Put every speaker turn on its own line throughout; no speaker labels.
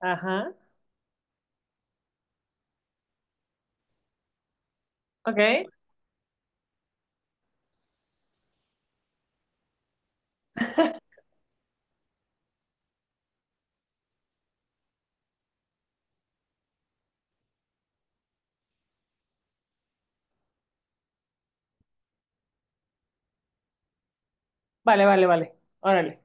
Ajá. Ok. Vale, vale, vale. Órale.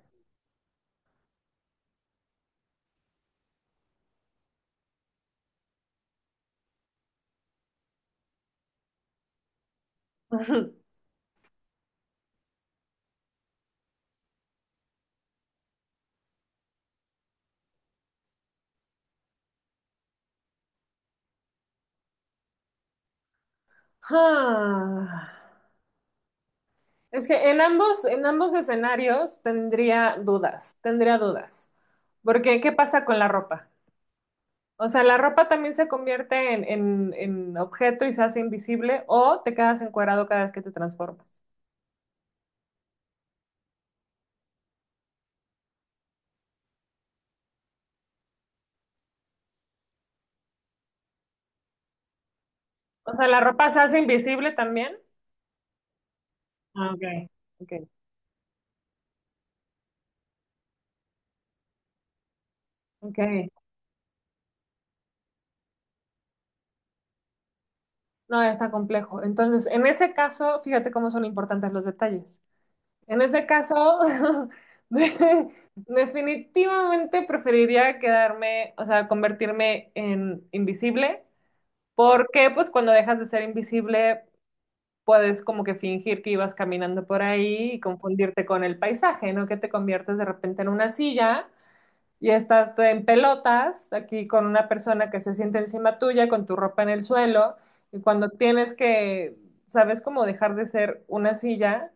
Ah, es que en ambos escenarios tendría dudas, tendría dudas. Porque, ¿qué pasa con la ropa? O sea, la ropa también se convierte en objeto y se hace invisible, o te quedas encuadrado cada vez que te transformas. O sea, la ropa se hace invisible también. Ah, ok. Ok. Ok. No, está complejo. Entonces, en ese caso, fíjate cómo son importantes los detalles. En ese caso, de- definitivamente preferiría quedarme, o sea, convertirme en invisible, porque pues cuando dejas de ser invisible puedes como que fingir que ibas caminando por ahí y confundirte con el paisaje, ¿no? Que te conviertes de repente en una silla y estás en pelotas aquí con una persona que se siente encima tuya, con tu ropa en el suelo, y cuando tienes que, sabes cómo dejar de ser una silla,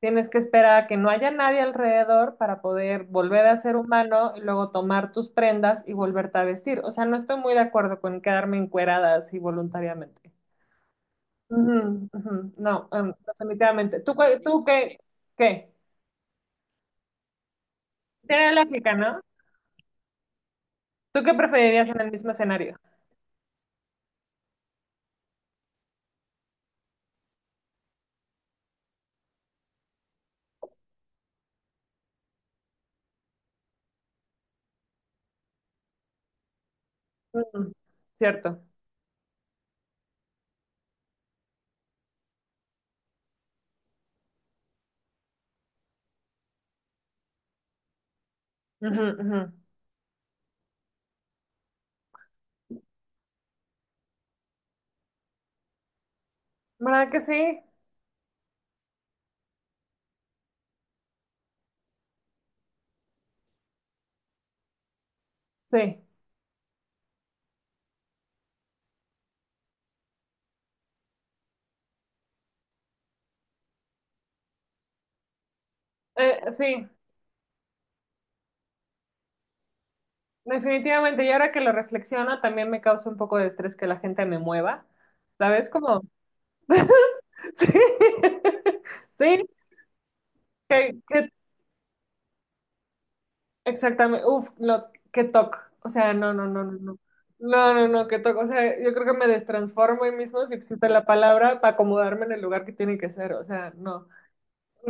tienes que esperar a que no haya nadie alrededor para poder volver a ser humano y luego tomar tus prendas y volverte a vestir. O sea, no estoy muy de acuerdo con quedarme encuerada así voluntariamente. Ujú, ujú, no, definitivamente. ¿Tú, tú qué? Tiene lógica, ¿no? ¿Tú qué preferirías en el mismo escenario? Ujú, cierto. Ujú, ujú. ¿Verdad que sí? Sí, sí, definitivamente. Y ahora que lo reflexiono, también me causa un poco de estrés que la gente me mueva. ¿Sabes? Como... Sí, sí, que, que- exactamente. Uf, lo que toc. O sea, no, no, no, no, no. No, no, no, que toc. O sea, yo creo que me destransformo ahí mismo, si existe la palabra, para acomodarme en el lugar que tiene que ser. O sea, no.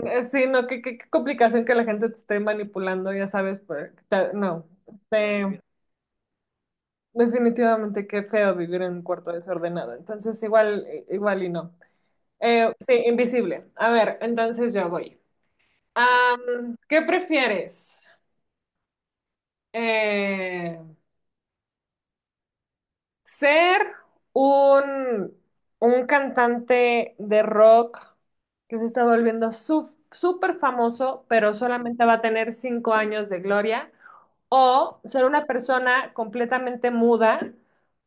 Sí, no, qué, qué complicación que la gente te esté manipulando, ya sabes, pues, que no. Este, Definitivamente, qué feo vivir en un cuarto desordenado. Entonces, igual, igual y no. Sí, invisible. A ver, entonces yo voy. ¿Qué prefieres? Eh, Ser un, un cantante de rock que se está volviendo súper famoso, pero solamente va a tener 5 años de gloria, o ser una persona completamente muda,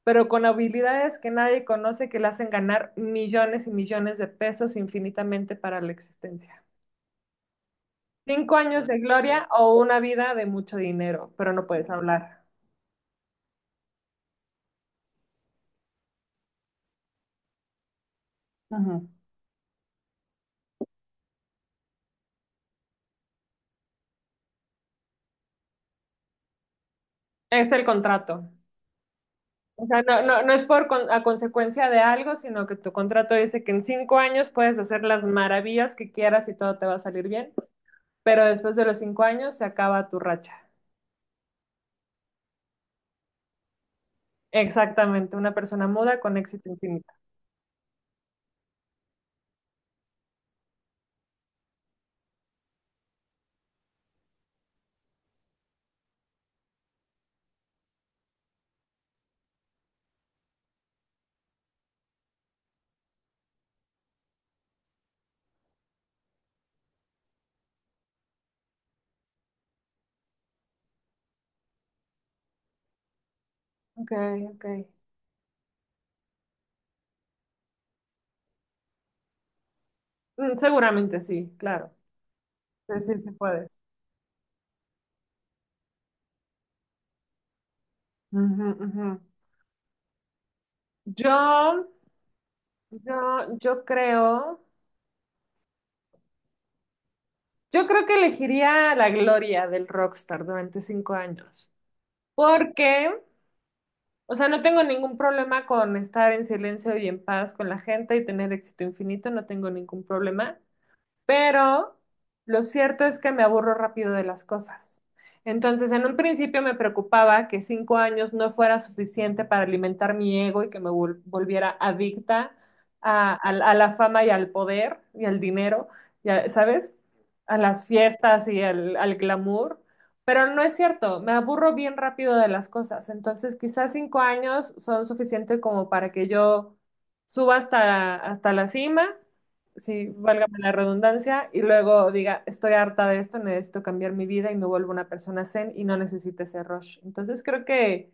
pero con habilidades que nadie conoce que le hacen ganar millones y millones de pesos infinitamente para la existencia. Cinco años de gloria o una vida de mucho dinero, pero no puedes hablar. Ajá. Es el contrato. O sea, no, no, no es por a consecuencia de algo, sino que tu contrato dice que en 5 años puedes hacer las maravillas que quieras y todo te va a salir bien, pero después de los 5 años se acaba tu racha. Exactamente, una persona muda con éxito infinito. Ok, ok. Seguramente sí, claro. Sí, sí, sí puedes. Ujú, ujú. Yo, yo, yo creo, yo creo que elegiría la gloria del rockstar durante 5 años. Porque O sea, no tengo ningún problema con estar en silencio y en paz con la gente y tener éxito infinito, no tengo ningún problema, pero lo cierto es que me aburro rápido de las cosas. Entonces, en un principio me preocupaba que 5 años no fuera suficiente para alimentar mi ego y que me volviera adicta a la fama y al poder y al dinero, ¿sabes? A las fiestas y al glamour. Pero no es cierto, me aburro bien rápido de las cosas. Entonces, quizás 5 años son suficientes como para que yo suba hasta la cima, sí, válgame la redundancia, y luego diga, estoy harta de esto, necesito cambiar mi vida y me vuelvo una persona zen y no necesite ese rush. Entonces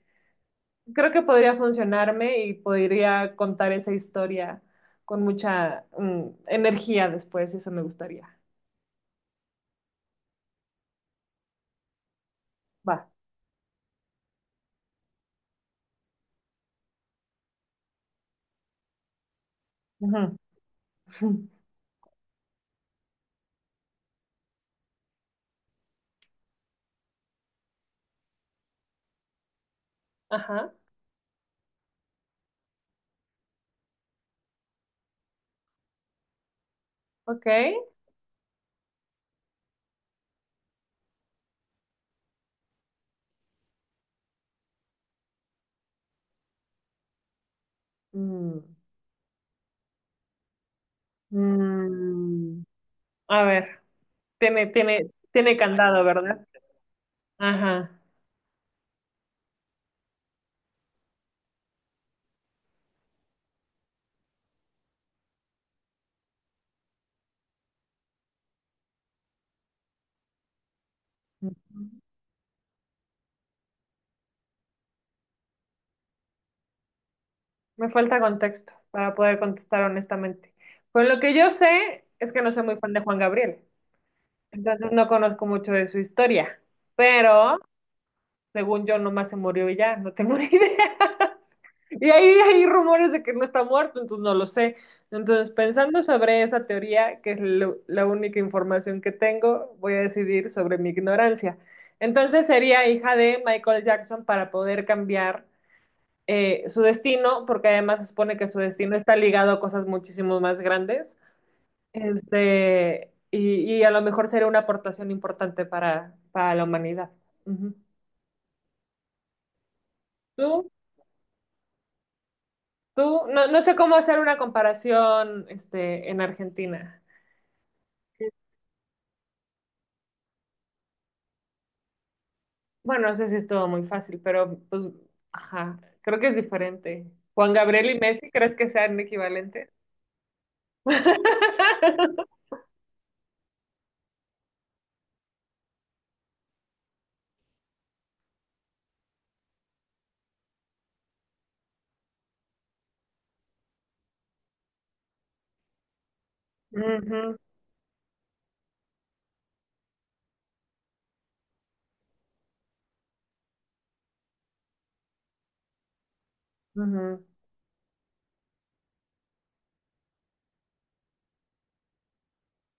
creo que podría funcionarme y podría contar esa historia con mucha energía después, eso me gustaría. Va. Ujú. Ajá, ok. Mm, mm, a ver, tiene candado, ¿verdad? Ajá. Ujú. Me falta contexto para poder contestar honestamente. Pues lo que yo sé es que no soy muy fan de Juan Gabriel, entonces no conozco mucho de su historia, pero según yo nomás se murió y ya, no tengo ni idea. Y ahí hay rumores de que no está muerto, entonces no lo sé. Entonces, pensando sobre esa teoría, que es la única información que tengo, voy a decidir sobre mi ignorancia. Entonces sería hija de Michael Jackson para poder cambiar su destino, porque además se supone que su destino está ligado a cosas muchísimo más grandes, este, y a lo mejor sería una aportación importante para la humanidad. Ujú. Tú, tú, no, no sé cómo hacer una comparación, este, en Argentina. Bueno, no sé si es todo muy fácil, pero pues, ajá, creo que es diferente. Juan Gabriel y Messi, ¿crees que sean equivalentes? Ujú, ujú.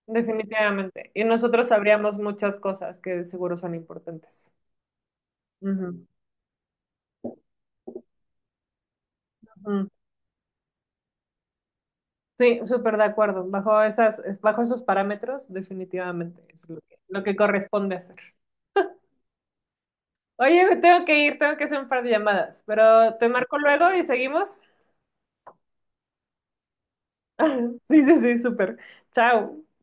Definitivamente. Y nosotros sabríamos muchas cosas que seguro son importantes. Ujú, ujú. Sí, súper de acuerdo. Bajo esas, bajo esos parámetros, definitivamente es lo que corresponde hacer. Oye, me tengo que ir, tengo que hacer un par de llamadas, pero te marco luego y seguimos. Sí, sí, sí, súper. Chao.